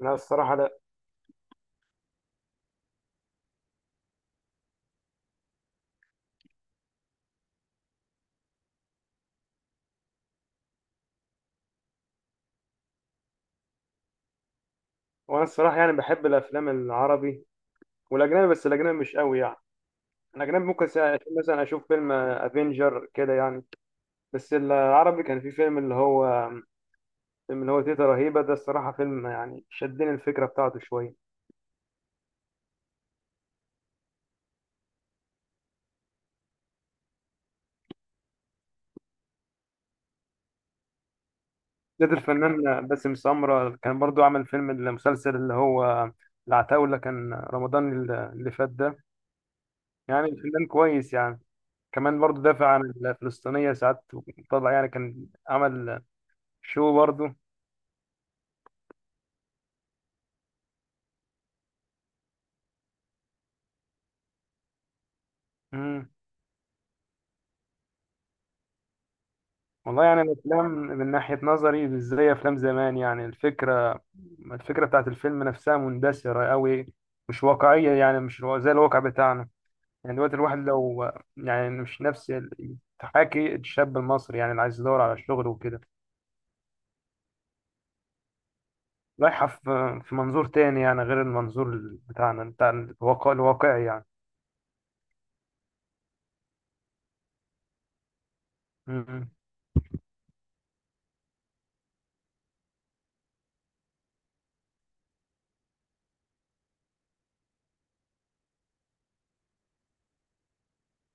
لا، الصراحة لا. وأنا الصراحة بحب الأفلام العربي والأجنبي، بس الأجنبي مش قوي الأجنبي ممكن مثلا أشوف فيلم أفينجر كده بس العربي كان في فيلم اللي هو، تيتا رهيبة ده، الصراحة فيلم شدني الفكرة بتاعته شوية. ده الفنان باسم سمرة كان برضو عمل فيلم، المسلسل اللي هو العتاولة، كان رمضان اللي فات ده. الفنان كويس كمان برضو دافع عن الفلسطينية ساعات. طلع كان عمل شو برضو. مم. والله يعني الافلام من ناحيه نظري مش زي افلام زمان، يعني الفكره، بتاعت الفيلم نفسها مندثره قوي. مش واقعيه، يعني مش زي الواقع بتاعنا. يعني دلوقتي الواحد لو، يعني مش نفس تحاكي الشاب المصري، يعني اللي عايز يدور على شغل وكده. رايحه في منظور تاني، يعني غير المنظور بتاعنا، بتاع الواقع الواقعي يعني. م-م.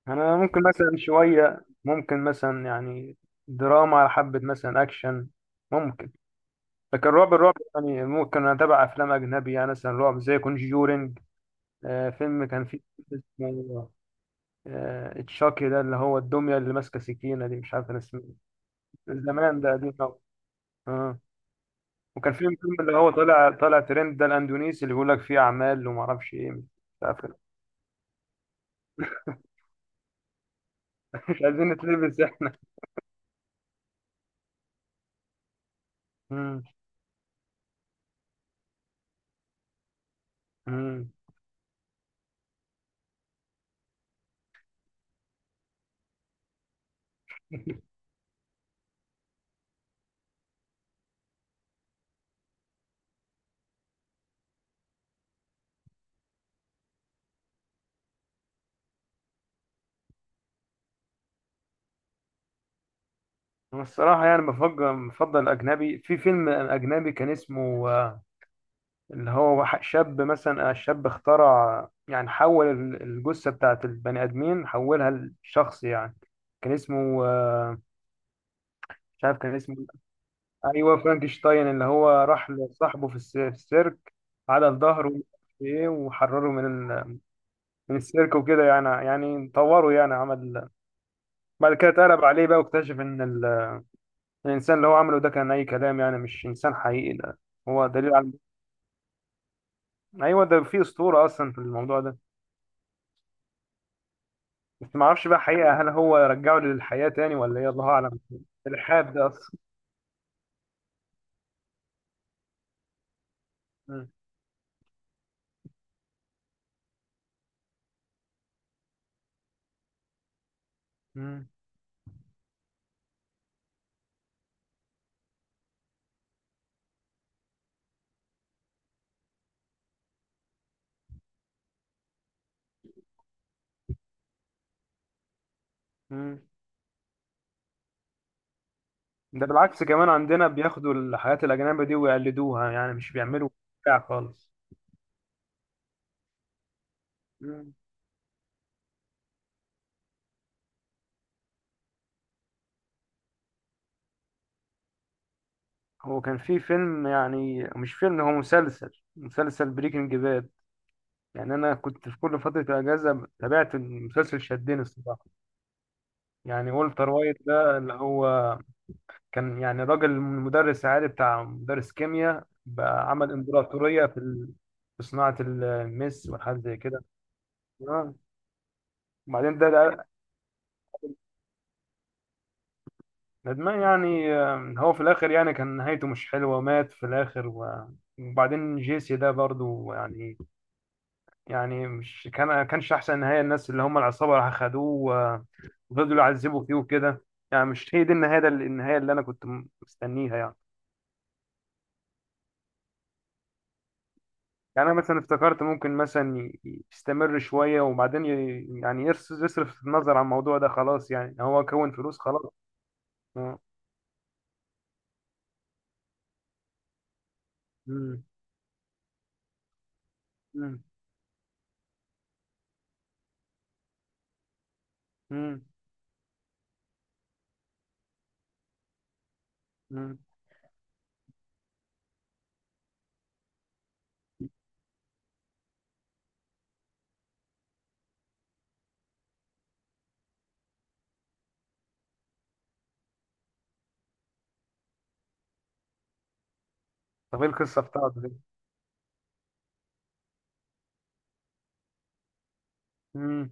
انا ممكن مثلا شويه، ممكن مثلا يعني دراما على حبه، مثلا اكشن ممكن. لكن الرعب يعني، ممكن اتابع افلام اجنبي، يعني مثلا رعب زي كونجورينج. فيلم كان فيه اسمه، تشاكي ده، اللي هو الدميه اللي ماسكه سكينه دي، مش عارف انا اسمه. زمان، ده قديم قوي. اه. وكان فيه فيلم اللي هو طالع، ترند ده الاندونيسي، اللي بيقول لك فيه اعمال وما اعرفش ايه، مش عارف. مش عايزين نتلبس احنا. مم. مم. الصراحه بفضل، الاجنبي. في فيلم اجنبي كان اسمه اللي هو شاب، مثلا الشاب اخترع، يعني حول الجثة بتاعت البني آدمين، حولها لشخص يعني. كان اسمه مش عارف كان اسمه إيه. أيوه، فرانكشتاين، اللي هو راح لصاحبه في في السيرك على ظهره، ومش عارف ايه، وحرره من ال- من السيرك وكده، يعني طوره، يعني عمل. بعد كده اتقلب عليه بقى، واكتشف ان الانسان اللي هو عمله ده كان اي كلام، يعني مش انسان حقيقي ده. هو دليل على، ايوه ده في اسطوره اصلا في الموضوع ده. بس ما اعرفش بقى حقيقة، هل هو رجعه للحياة تاني ولا ايه؟ الله اعلم. الحاد ده اصلا. مم. مم. مم. ده بالعكس، كمان عندنا بياخدوا الحياة الأجنبية دي ويقلدوها، يعني مش بيعملوا بتاع خالص. مم. هو كان في فيلم، يعني مش فيلم، هو مسلسل، بريكنج باد. يعني أنا كنت في كل فترة الأجازة تابعت المسلسل، شدني الصراحة. يعني والتر وايت ده، اللي هو كان يعني راجل مدرس عالي، بتاع مدرس كيمياء، بقى عمل امبراطورية في في صناعة المس والحاجات زي كده. آه. وبعدين ده ندمان يعني، هو في الآخر يعني كان نهايته مش حلوة، ومات في الآخر وبعدين جيسي ده برضو يعني، يعني مش كانش أحسن نهاية. الناس اللي هم العصابة راح خدوه، وفضلوا يعذبوا فيه وكده. يعني مش هي دي النهاية، النهاية اللي أنا كنت مستنيها يعني. يعني انا مثلا افتكرت ممكن مثلا يستمر شويه، وبعدين يصرف النظر عن الموضوع ده خلاص، يعني هو كون فلوس خلاص. آه. مم. مم. مم. مم. طب ايه القصه بتاعته دي؟ مم.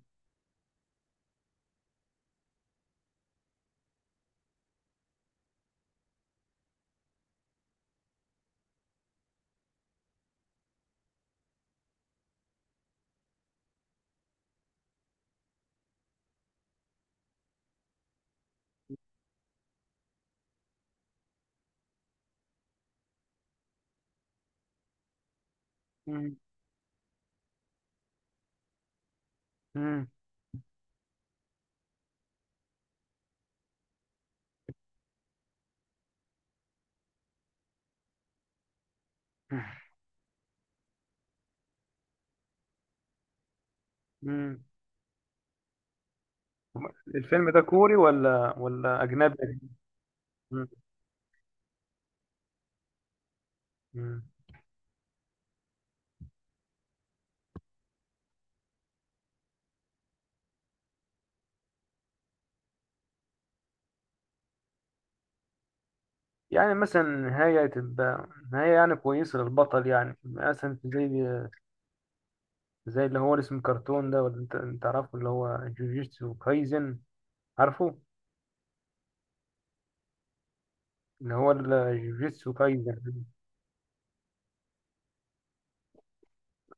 مم. مم. مم. الفيلم ده كوري ولا اجنبي؟ مم. مم. يعني مثلا نهاية تبقى نهاية، يعني كويسة للبطل، يعني مثلا زي، زي اللي هو اسم كرتون ده، ولا انت تعرفه؟ اللي هو جوجيتسو كايزن، عارفه؟ اللي هو الجوجيتسو كايزن.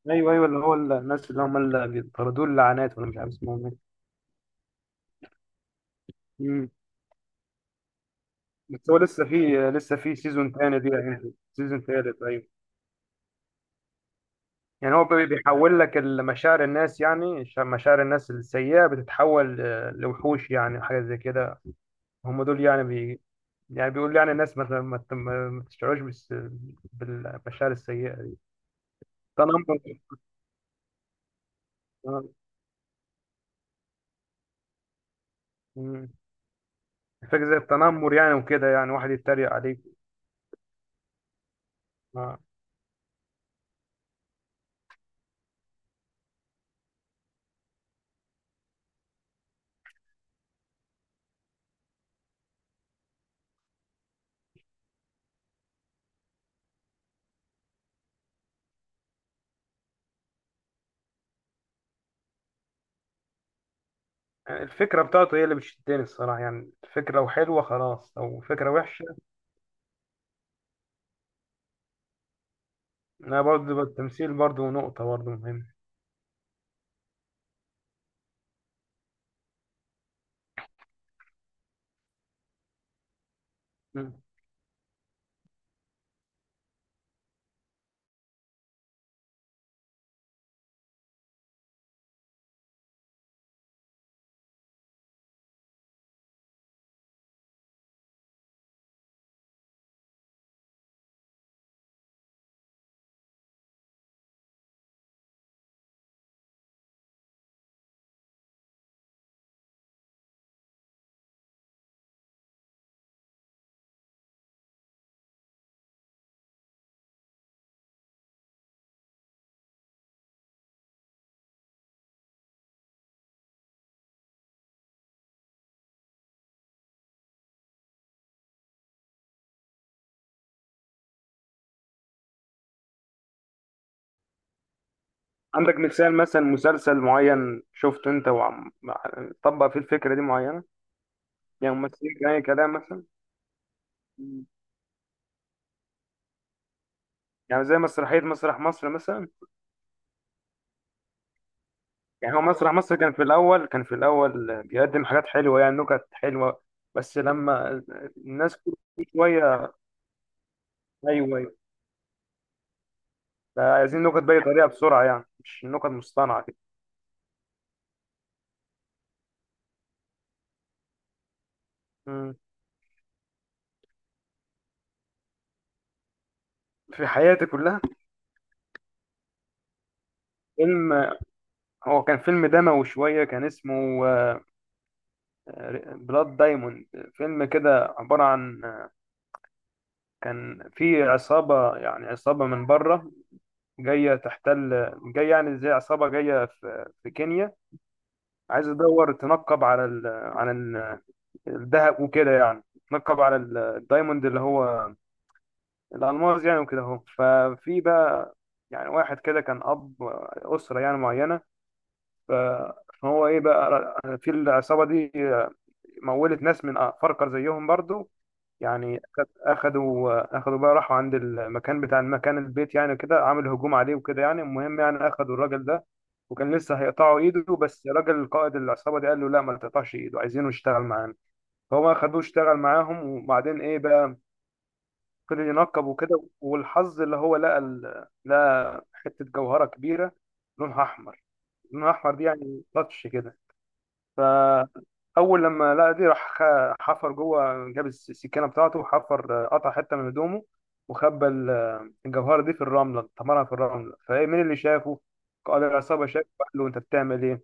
ايوه، ايوه، اللي هو الناس اللي هم اللي بيطردوا اللعنات، ولا مش عارف اسمهم ايه. مم. بس هو لسه في، سيزون تاني دي، يعني سيزون تالت، ايوه. يعني هو بيحول لك مشاعر الناس، يعني مشاعر الناس السيئة بتتحول لوحوش، يعني حاجة زي كده. هم دول يعني يعني بيقول يعني الناس ما تشعرش بالمشاعر السيئة دي. تنمر. آه، مم. فكرة زي التنمر يعني، وكده يعني واحد يتريق عليك. آه. الفكرة بتاعته هي اللي بتشدني الصراحة، يعني الفكرة لو حلوة خلاص، لو فكرة وحشة. أنا برضه التمثيل برضه نقطة برضه مهمة. مم. عندك مثال، مثلا مسلسل معين شفته أنت، وعم طبق فيه الفكرة دي معينة، يعني ممثلين كان أي كلام مثلا. مم. يعني زي مسرحية مسرح مصر مثلا. يعني هو مسرح مصر كان في الأول، بيقدم حاجات حلوة، يعني نكت حلوة. بس لما الناس كل شوية، أيوه، أيوه، عايزين نكت بأي طريقة بسرعة، يعني مش نكت مصطنعة كده. في حياتي كلها، فيلم، هو كان فيلم دموي شوية، كان اسمه بلاد دايموند. فيلم كده عبارة عن، كان في عصابة يعني، عصابة من بره جاية تحتل، جاية يعني زي عصابة جاية في كينيا. عايزة تدور تنقب على ال، على الذهب وكده يعني. تنقب على الدايموند، اللي هو الألماس يعني، وكده اهو. ففي بقى يعني واحد كده كان أب أسرة يعني معينة. ف- فهو إيه بقى، في العصابة دي، مولت ناس من فرقة زيهم برضو. يعني اخدوا بقى، راحوا عند المكان، بتاع المكان البيت يعني كده، عامل هجوم عليه وكده يعني. المهم، يعني اخدوا الراجل ده، وكان لسه هيقطعوا ايده، بس راجل قائد العصابة دي قال له لا ما تقطعش ايده، عايزينه يشتغل معانا. فهو اخدوه اشتغل معاهم، وبعدين ايه بقى، فضل ينقب وكده، والحظ اللي هو لقى لقى حتة جوهرة كبيرة، لونها احمر. لونها احمر دي يعني تاتش كده. فأول لما لقى دي، راح حفر جوه، جاب السكينة بتاعته، وحفر، قطع حتة من هدومه، وخبى الجوهرة دي في الرملة، طمرها في الرملة. فإيه، مين اللي شافه؟ قال العصابة شافه، قال له أنت بتعمل إيه؟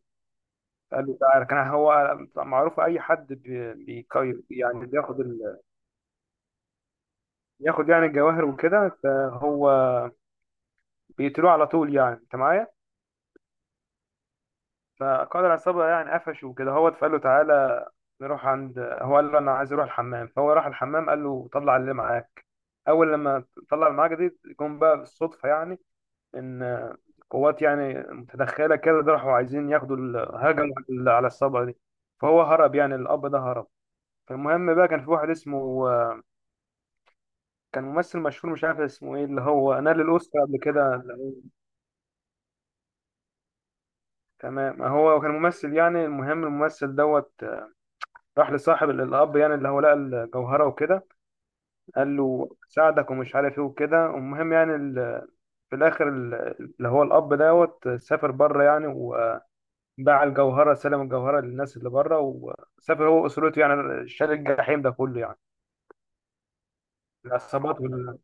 قال له تعالى. كان هو معروف أي حد بي- يعني بياخد يعني الجواهر وكده، فهو بيقتلوه على طول. يعني أنت معايا؟ فقائد العصابة يعني قفشه وكده، هو فقال له تعالى نروح عند، هو قال له أنا عايز أروح الحمام. فهو راح الحمام، قال له طلع اللي معاك. أول لما طلع اللي معاك دي، جم بقى بالصدفة يعني إن قوات يعني متدخلة كده، ده راحوا عايزين ياخدوا هجموا على الصبا دي. فهو هرب، يعني الأب ده هرب. فالمهم بقى كان في واحد اسمه، كان ممثل مشهور مش عارف اسمه ايه، اللي هو نال الأوسكار قبل كده. تمام، هو كان ممثل يعني. المهم الممثل دوت راح لصاحب الاب يعني، اللي هو لقى الجوهره وكده. قال له ساعدك، ومش عارف ايه وكده. المهم يعني في الاخر اللي هو الاب دوت سافر بره يعني، وباع الجوهره، سلم الجوهره للناس اللي بره، وسافر هو واسرته يعني، شال الجحيم ده كله يعني، العصابات.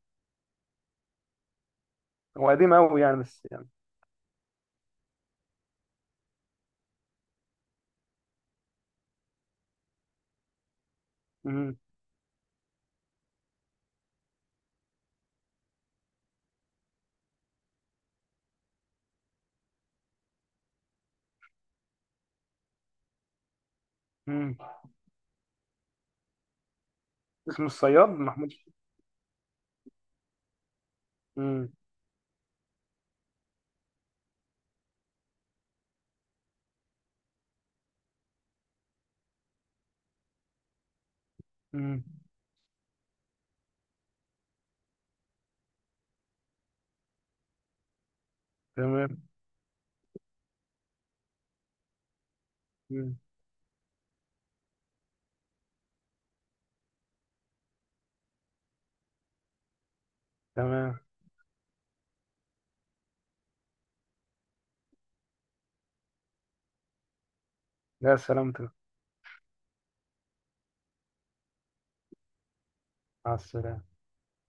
هو قديم قوي يعني، بس يعني. مم. مم. اسمه الصياد محمود. مم. مم. تمام. مم. تمام. يا سلامتك. مع السلامه.